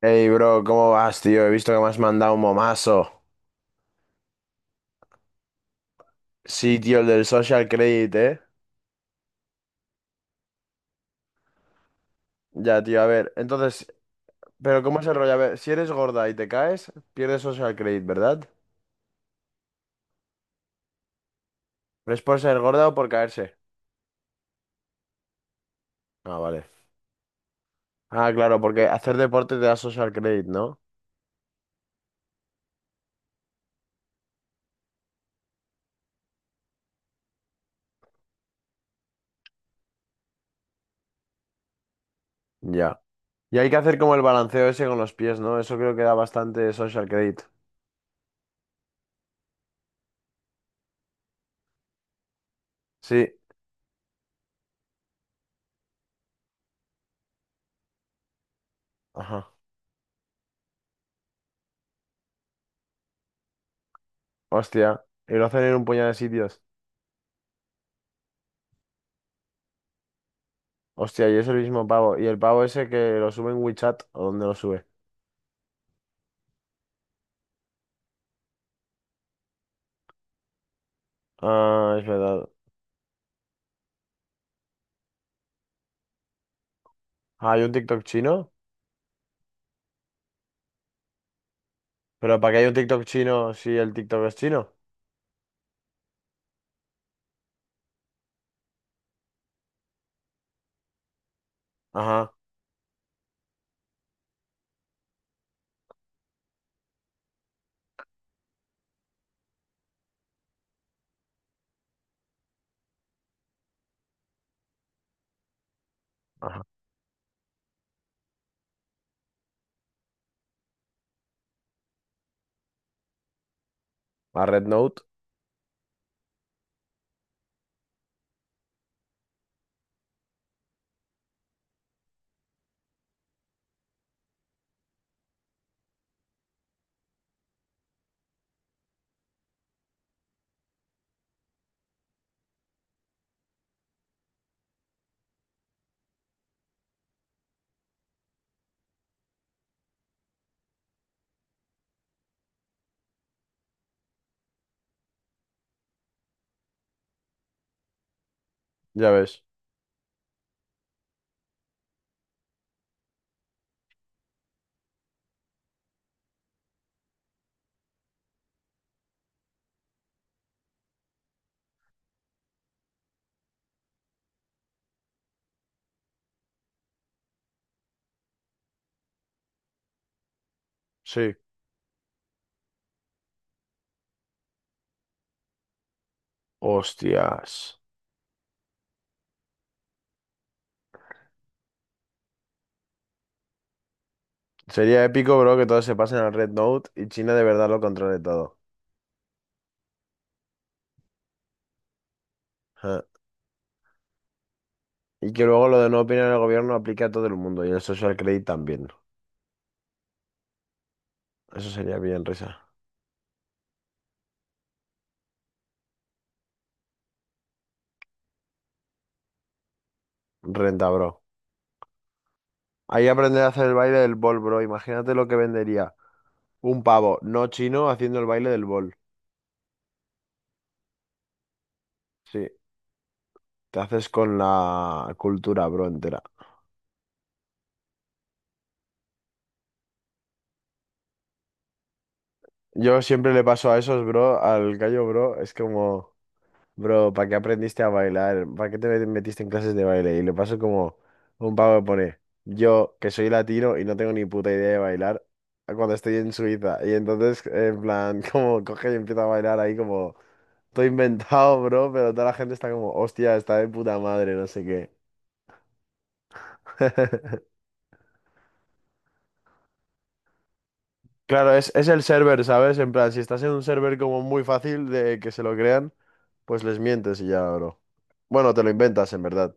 Hey, bro, ¿cómo vas, tío? He visto que me has mandado un momazo. Sí, tío, el del social credit, ¿eh? Ya, tío, a ver. Entonces, ¿pero cómo es el rollo? A ver, si eres gorda y te caes, pierdes social credit, ¿verdad? ¿Pero es por ser gorda o por caerse? Ah, vale. Ah, claro, porque hacer deporte te da social credit, ¿no? Ya. Y hay que hacer como el balanceo ese con los pies, ¿no? Eso creo que da bastante social credit. Sí. ajá. Hostia. Y lo hacen en un puñado de sitios. Hostia, y es el mismo pavo. ¿Y el pavo ese que lo sube en WeChat o dónde lo sube? Ah, es verdad. Ah, ¿hay un TikTok chino? ¿Pero para qué hay un TikTok chino si el TikTok es chino? Ajá, ajá. A Red Note, ya ves. Sí. Hostias. Sería épico, bro, que todos se pasen al Red Note y China de verdad lo controle todo. Ja. Y que luego lo de no opinar el gobierno aplique a todo el mundo y el social credit también. Eso sería bien risa. Renta, bro. Ahí aprender a hacer el baile del bol, bro. Imagínate lo que vendería un pavo no chino haciendo el baile del bol. Sí. Te haces con la cultura, bro, entera. Yo siempre le paso a esos, bro, al gallo, bro. Es como, bro, ¿para qué aprendiste a bailar? ¿Para qué te metiste en clases de baile? Y le paso como un pavo que pone, yo, que soy latino y no tengo ni puta idea de bailar, cuando estoy en Suiza. Y entonces, en plan, como coge y empieza a bailar ahí como, todo inventado, bro, pero toda la gente está como, hostia, está de puta madre, no sé qué. Claro, es el server, ¿sabes? En plan, si estás en un server como muy fácil de que se lo crean, pues les mientes y ya, bro. Bueno, te lo inventas, en verdad.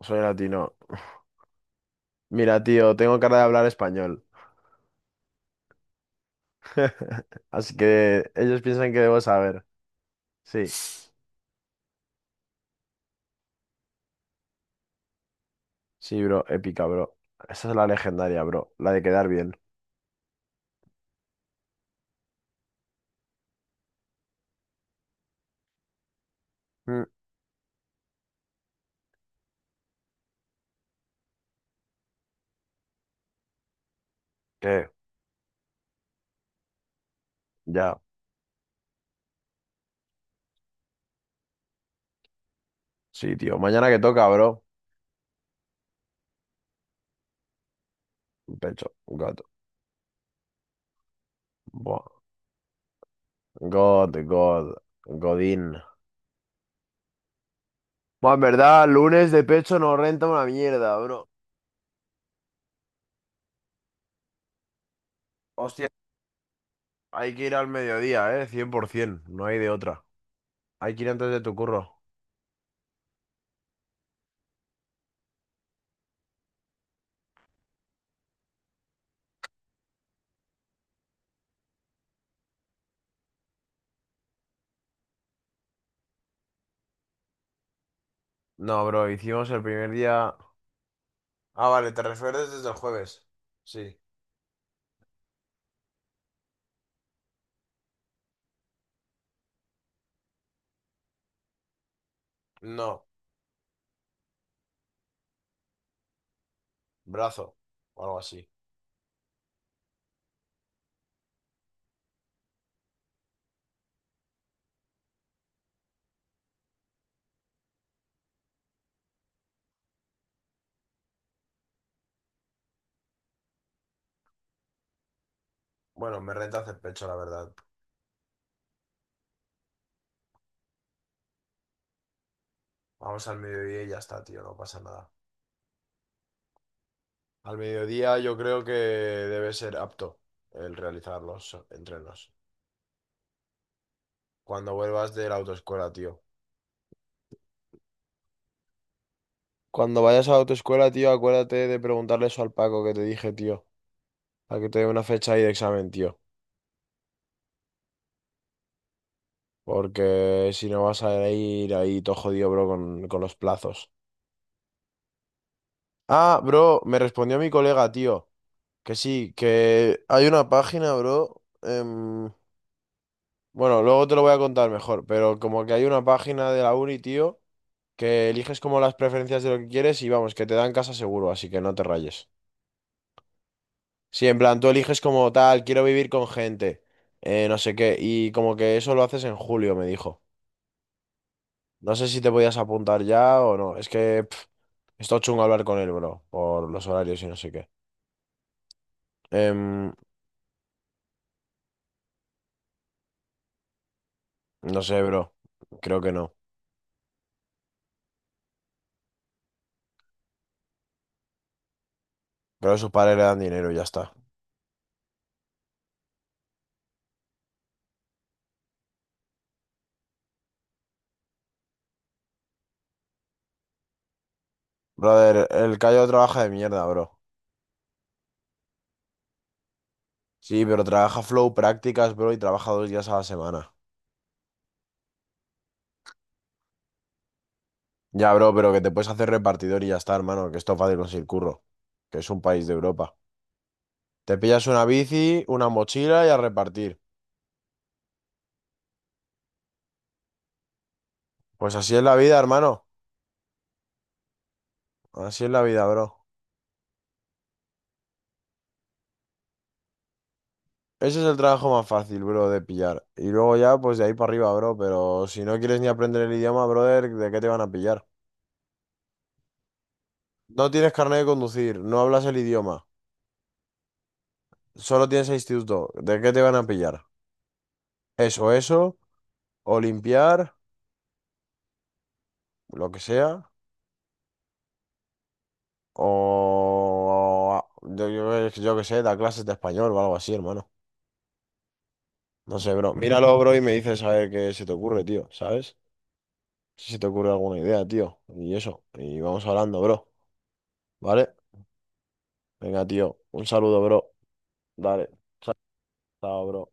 Soy latino. Mira, tío, tengo cara de hablar español. Así que ellos piensan que debo saber. Sí, sí, bro, épica, bro. Esa es la legendaria, bro. La de quedar bien. Mm. ¿Qué? Ya. Sí, tío. Mañana que toca, bro. Un pecho, un gato. Buah. God, God, Godín. Bueno, en verdad, lunes de pecho no renta una mierda, bro. Hostia, hay que ir al mediodía, ¿eh? 100%, no hay de otra. Hay que ir antes de tu curro. No, bro, hicimos el primer día... Ah, vale, te refieres desde el jueves. Sí. No, brazo o algo así. Bueno, me renta hacer pecho, la verdad. Vamos al mediodía y ya está, tío, no pasa nada. Al mediodía yo creo que debe ser apto el realizar los entrenos. Cuando vuelvas de la autoescuela, tío. Cuando vayas a la autoescuela, tío, acuérdate de preguntarle eso al Paco que te dije, tío. Para que te dé una fecha ahí de examen, tío. Porque si no vas a ir ahí todo jodido, bro, con los plazos. Ah, bro, me respondió mi colega, tío. Que sí, que hay una página, bro. Bueno, luego te lo voy a contar mejor, pero como que hay una página de la uni, tío, que eliges como las preferencias de lo que quieres y vamos, que te dan casa seguro, así que no te rayes. Sí, en plan, tú eliges como tal, quiero vivir con gente, no sé qué, y como que eso lo haces en julio, me dijo. No sé si te podías apuntar ya o no, es que pff, está chungo hablar con él, bro, por los horarios y no sé qué. Em, no sé, bro, creo que no. Creo que sus padres le dan dinero y ya está. Brother, el Cayo trabaja de mierda, bro. Sí, pero trabaja flow prácticas, bro, y trabaja 2 días a la semana. Ya, bro, pero que te puedes hacer repartidor y ya está, hermano, que esto es fácil conseguir curro, que es un país de Europa. Te pillas una bici, una mochila y a repartir. Pues así es la vida, hermano. Así es la vida, bro. Ese es el trabajo más fácil, bro, de pillar. Y luego ya, pues de ahí para arriba, bro. Pero si no quieres ni aprender el idioma, brother, ¿de qué te van a pillar? No tienes carnet de conducir, no hablas el idioma, solo tienes el instituto. ¿De qué te van a pillar? Eso, o limpiar, lo que sea, o yo qué sé, da clases de español o algo así, hermano. No sé, bro. Míralo, bro, y me dices a ver qué se te ocurre, tío, ¿sabes? Si se te ocurre alguna idea, tío. Y eso. Y vamos hablando, bro. ¿Vale? Venga, tío. Un saludo, bro. Dale. Chao, bro.